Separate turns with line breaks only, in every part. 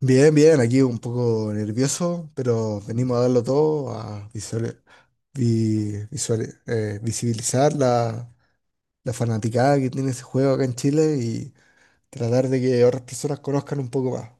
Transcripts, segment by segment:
Bien, bien, aquí un poco nervioso, pero venimos a darlo todo, a visibilizar la fanaticada que tiene ese juego acá en Chile y tratar de que otras personas conozcan un poco más.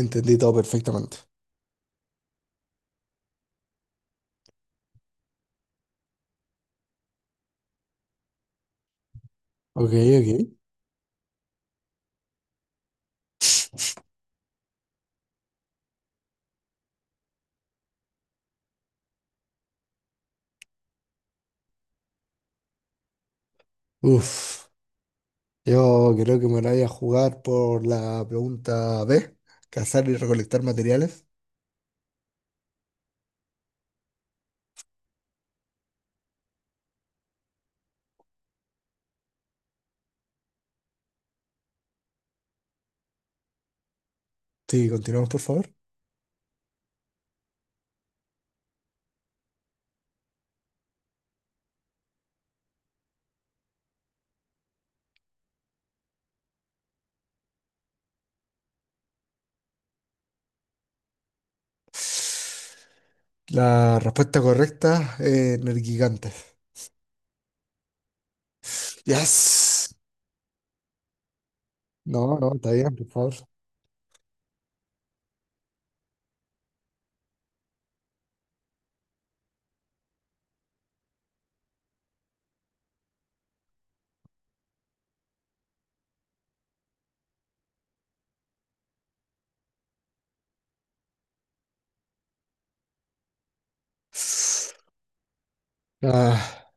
Entendí todo perfectamente. Ok, ok. Uf, yo creo que me la voy a jugar por la pregunta B, cazar y recolectar materiales. Sí, continuamos, por favor. La respuesta correcta es Nergigantes. Yes. No, no, está bien, por favor. Ah,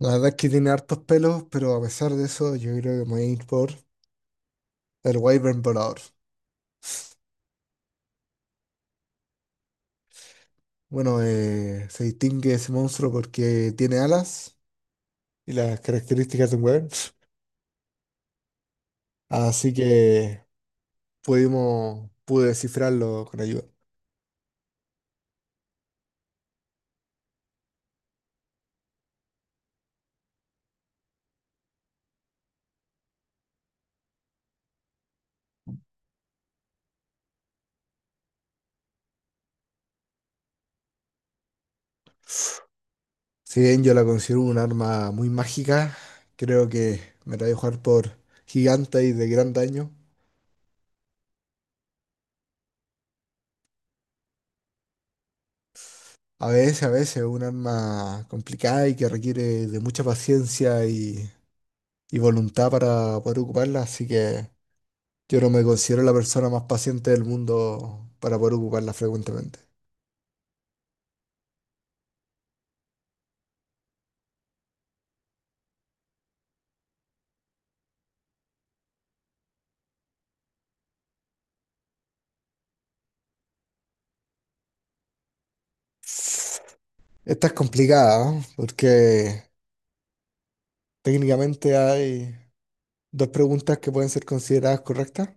la verdad es que tiene hartos pelos, pero a pesar de eso, yo creo que me voy a ir por el Wyvern volador. Bueno, se distingue ese monstruo porque tiene alas y las características de un Wyvern. Así que pudimos, pude descifrarlo con ayuda. Si bien yo la considero un arma muy mágica, creo que me la voy a jugar por gigante y de gran daño. A veces, un arma complicada y que requiere de mucha paciencia y voluntad para poder ocuparla, así que yo no me considero la persona más paciente del mundo para poder ocuparla frecuentemente. Esta es complicada, ¿no? Porque técnicamente hay dos preguntas que pueden ser consideradas correctas,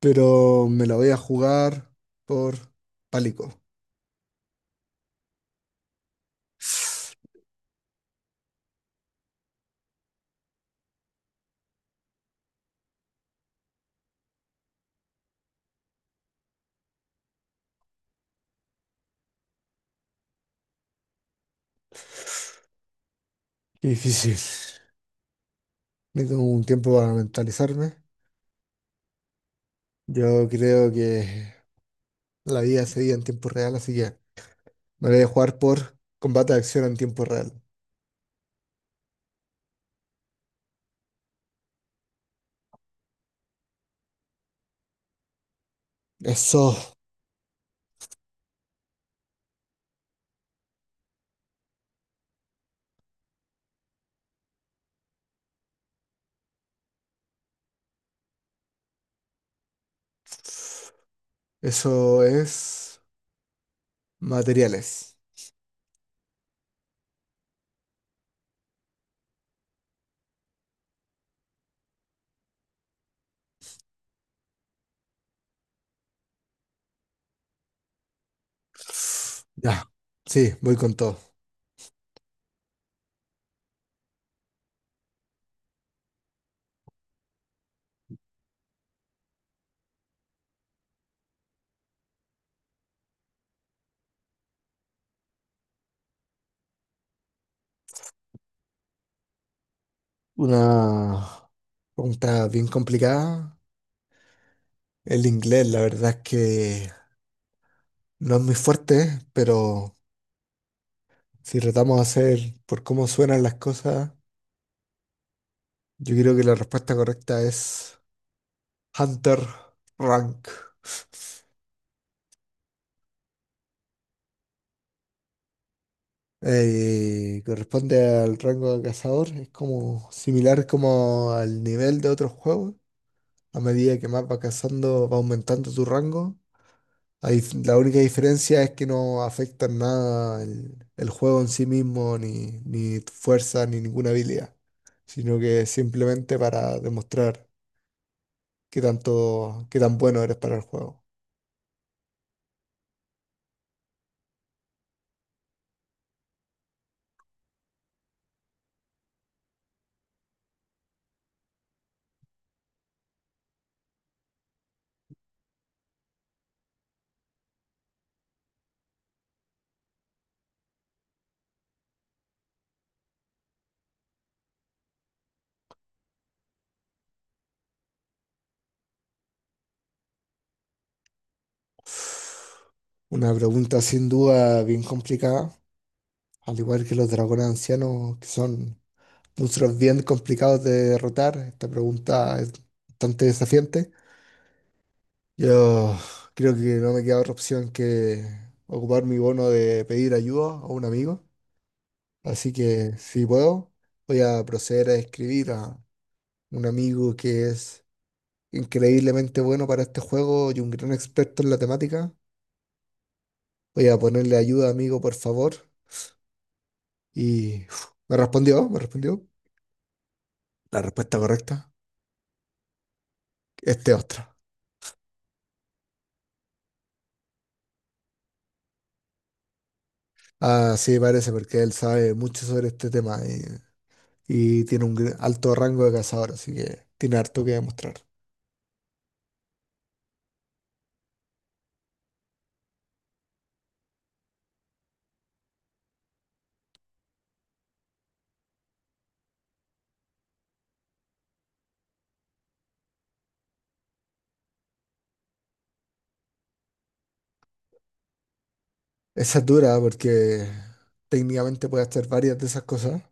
pero me la voy a jugar por pálico. Qué difícil. Necesito un tiempo para mentalizarme. Yo creo que la vida seguía en tiempo real, así que me voy a jugar por combate de acción en tiempo real. Eso, eso es materiales. Ya, sí, voy con todo. Una pregunta bien complicada. El inglés, la verdad es que no es muy fuerte, pero si tratamos de hacer por cómo suenan las cosas, yo creo que la respuesta correcta es Hunter Rank. Corresponde al rango de cazador, es como similar como al nivel de otros juegos. A medida que más va cazando, va aumentando tu rango. Ahí la única diferencia es que no afecta en nada el juego en sí mismo, ni tu fuerza, ni ninguna habilidad, sino que es simplemente para demostrar qué tanto, qué tan bueno eres para el juego. Una pregunta sin duda bien complicada, al igual que los dragones ancianos, que son monstruos bien complicados de derrotar. Esta pregunta es bastante desafiante. Yo creo que no me queda otra opción que ocupar mi bono de pedir ayuda a un amigo. Así que si puedo, voy a proceder a escribir a un amigo que es increíblemente bueno para este juego y un gran experto en la temática. Voy a ponerle ayuda, amigo, por favor. Y uf, me respondió, me respondió. La respuesta correcta, este otro. Ah, sí, parece, porque él sabe mucho sobre este tema y tiene un alto rango de cazador, así que tiene harto que demostrar. Esa es dura porque técnicamente puede hacer varias de esas cosas,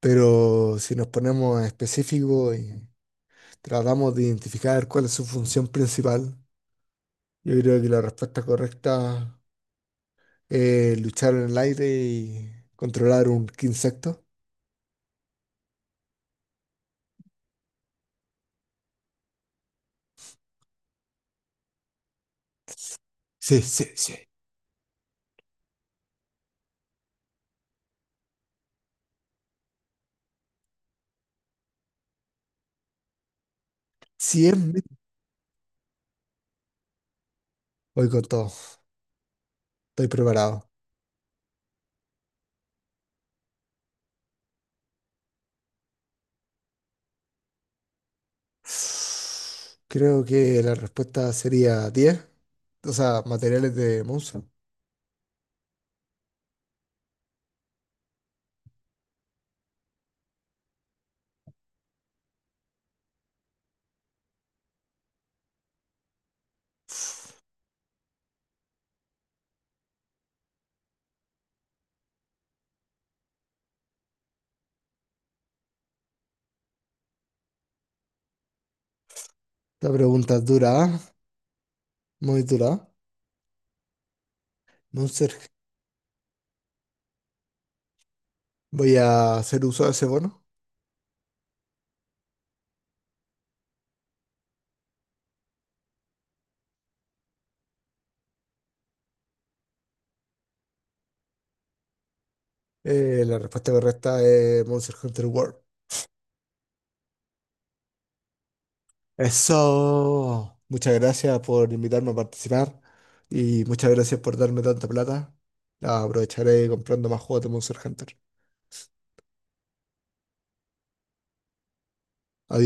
pero si nos ponemos específicos y tratamos de identificar cuál es su función principal, yo creo que la respuesta correcta es luchar en el aire y controlar un insecto. Sí, sí, sí. cien es Voy con todo. Estoy preparado. Creo que la respuesta sería 10. O sea, materiales de Monster. La pregunta es dura, ¿ah? Muy dura. Monster, Voy a hacer uso de ese bono. La respuesta correcta es Monster Hunter World. Eso. Muchas gracias por invitarme a participar y muchas gracias por darme tanta plata. La aprovecharé comprando más juegos de Monster Hunter. Adiós.